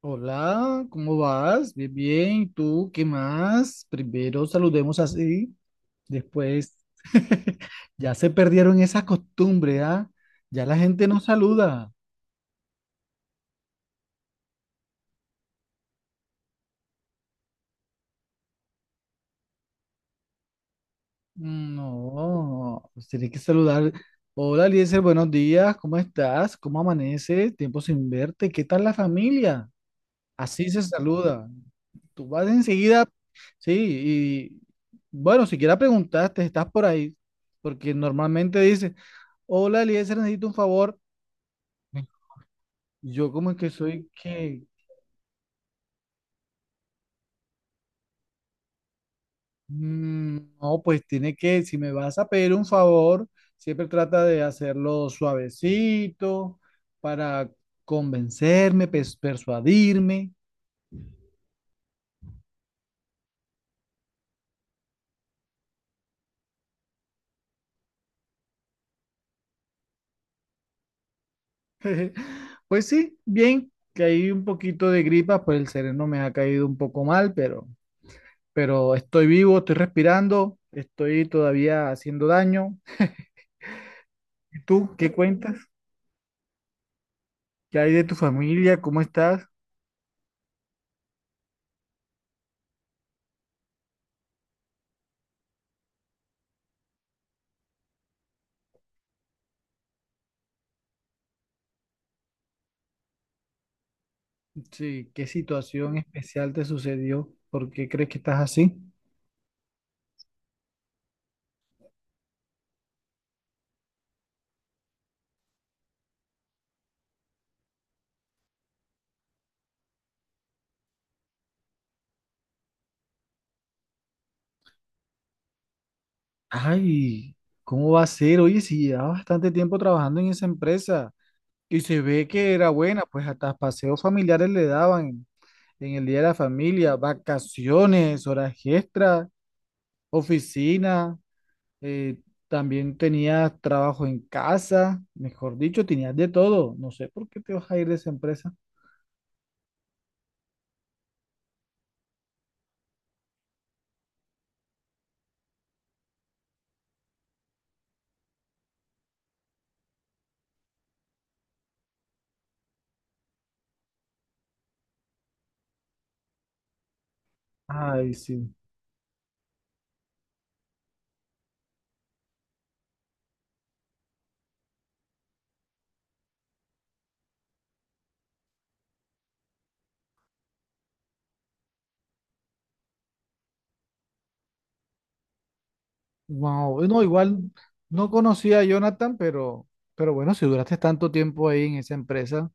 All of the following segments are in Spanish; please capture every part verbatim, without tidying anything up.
Hola, ¿cómo vas? Bien, bien. ¿Tú qué más? Primero saludemos así, después ya se perdieron esa costumbre, ¿ah? Ya la gente no saluda. Mm, no, pues tienes que saludar. Hola, Eliezer, buenos días. ¿Cómo estás? ¿Cómo amaneces? Tiempo sin verte. ¿Qué tal la familia? Así se saluda. Tú vas enseguida, sí, y bueno, siquiera preguntaste, estás por ahí, porque normalmente dice. Hola, Eliezer, necesito un favor. Yo como que soy que, mm, no, pues tiene que, si me vas a pedir un favor, siempre trata de hacerlo suavecito para convencerme, pes- persuadirme. Pues sí, bien, que hay un poquito de gripa, pues el sereno me ha caído un poco mal, pero, pero estoy vivo, estoy respirando, estoy todavía haciendo daño. ¿Y tú qué cuentas? ¿Qué hay de tu familia? ¿Cómo estás? Sí, ¿qué situación especial te sucedió? ¿Por qué crees que estás así? Ay, ¿cómo va a ser? Oye, si llevaba bastante tiempo trabajando en esa empresa y se ve que era buena, pues hasta paseos familiares le daban en el día de la familia, vacaciones, horas extras, oficina, eh, también tenías trabajo en casa, mejor dicho, tenías de todo. No sé por qué te vas a ir de esa empresa. Ay, sí. Wow, no, igual no conocía a Jonathan, pero, pero bueno, si duraste tanto tiempo ahí en esa empresa,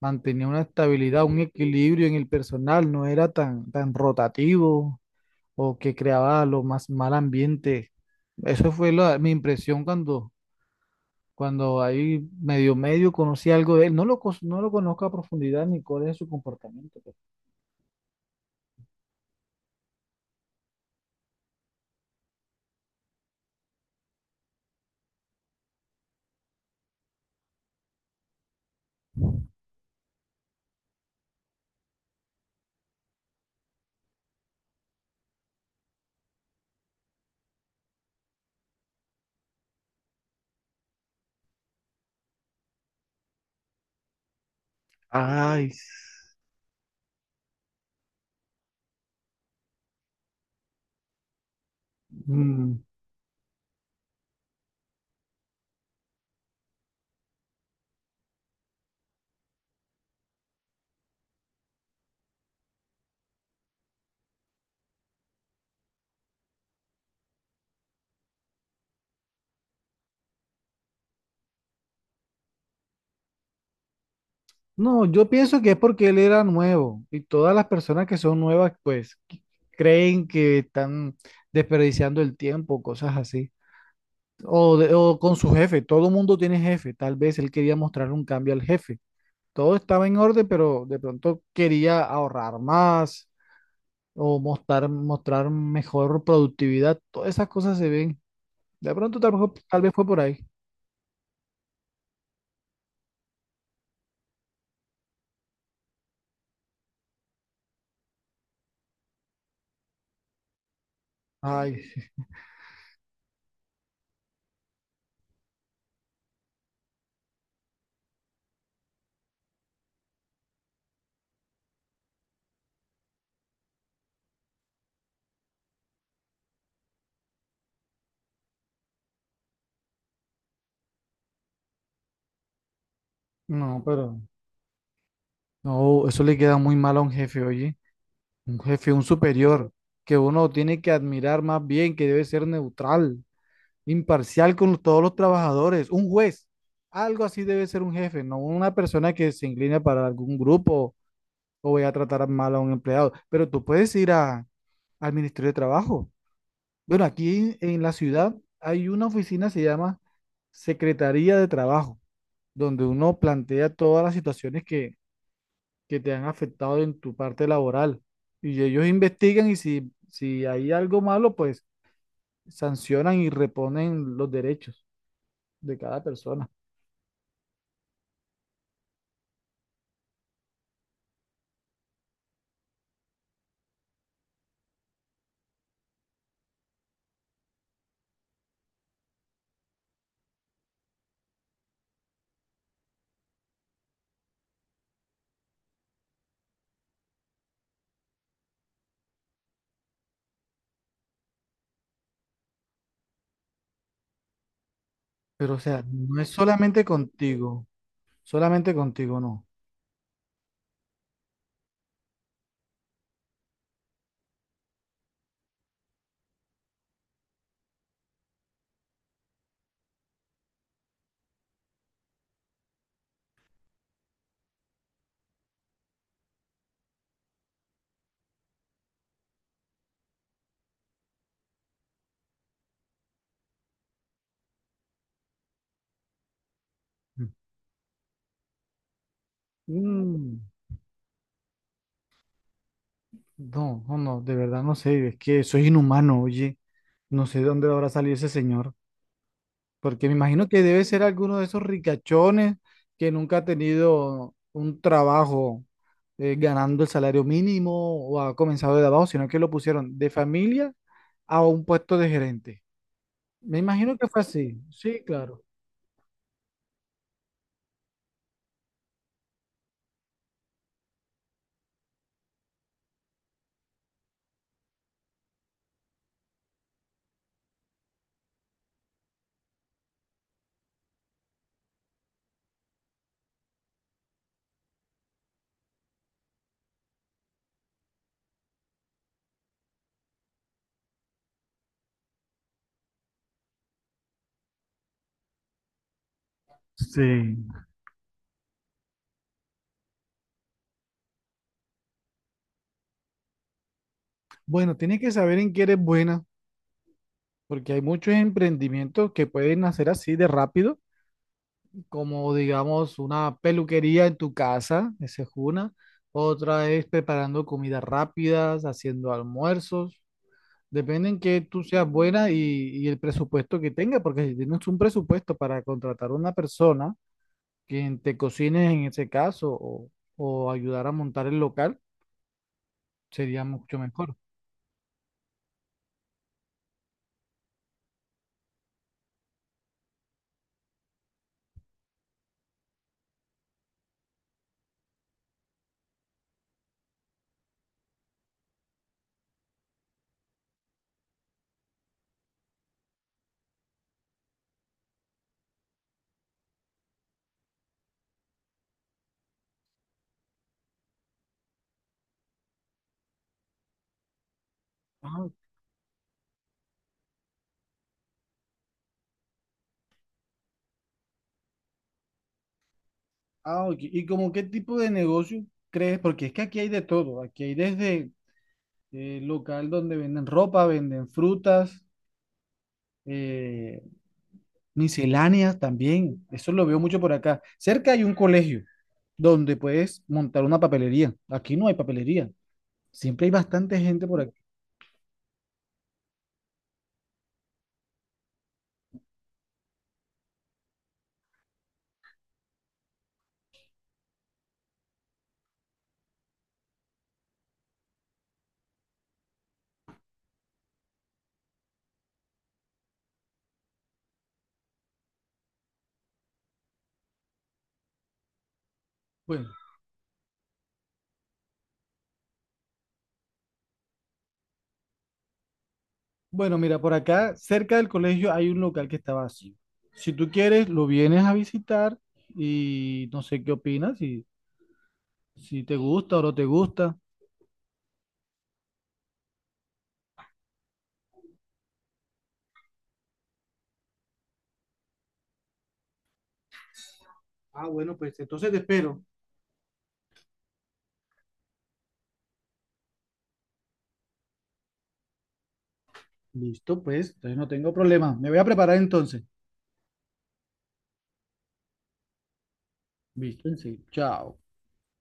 mantenía una estabilidad, un equilibrio en el personal, no era tan, tan rotativo o que creaba lo más mal ambiente. Eso fue la- mi impresión cuando, cuando ahí medio medio conocí algo de él. No lo, cos- no lo conozco a profundidad ni cuál es su comportamiento, pero... Ay, sí. Mm. No, yo pienso que es porque él era nuevo y todas las personas que son nuevas, pues qu- creen que están desperdiciando el tiempo, cosas así. O, de- o con su jefe, todo el mundo tiene jefe, tal vez él quería mostrar un cambio al jefe. Todo estaba en orden, pero de pronto quería ahorrar más o mostrar, mostrar mejor productividad. Todas esas cosas se ven. De pronto tal vez, tal vez fue por ahí. Ay, sí. no, pero no, eso le queda muy mal a un jefe, oye. Un jefe, un superior que uno tiene que admirar más bien, que debe ser neutral, imparcial con todos los trabajadores, un juez. Algo así debe ser un jefe, no una persona que se inclina para algún grupo o vaya a tratar mal a un empleado. Pero tú puedes ir a, al Ministerio de Trabajo. Bueno, aquí en en la ciudad hay una oficina, se llama Secretaría de Trabajo, donde uno plantea todas las situaciones que que te han afectado en tu parte laboral. Y ellos investigan y si, si hay algo malo, pues sancionan y reponen los derechos de cada persona. Pero o sea, no es solamente contigo, solamente contigo no. Mm, no, no, no, de verdad no sé, es que soy inhumano, oye, no sé de dónde habrá salido ese señor. Porque me imagino que debe ser alguno de esos ricachones que nunca ha tenido un trabajo eh, ganando el salario mínimo o ha comenzado de abajo, sino que lo pusieron de familia a un puesto de gerente. Me imagino que fue así. Sí, claro. Sí, bueno, tienes que saber en qué eres buena, porque hay muchos emprendimientos que pueden nacer así de rápido, como digamos una peluquería en tu casa, esa es una. Otra es preparando comidas rápidas, haciendo almuerzos. Depende en que tú seas buena y, y el presupuesto que tengas, porque si tienes un presupuesto para contratar a una persona quien te cocine en ese caso o, o ayudar a montar el local, sería mucho mejor. Ah, ah, ok. ¿Y como qué tipo de negocio crees? Porque es que aquí hay de todo. Aquí hay desde eh, local donde venden ropa, venden frutas, eh, misceláneas también. Eso lo veo mucho por acá. Cerca hay un colegio donde puedes montar una papelería. Aquí no hay papelería. Siempre hay bastante gente por aquí. Bueno, bueno, mira, por acá, cerca del colegio hay un local que está vacío. Si tú quieres, lo vienes a visitar y no sé qué opinas, si, si te gusta o no te gusta. Ah, bueno, pues entonces te espero. Listo, pues, entonces no tengo problema. Me voy a preparar entonces. Listo, sí. Chao.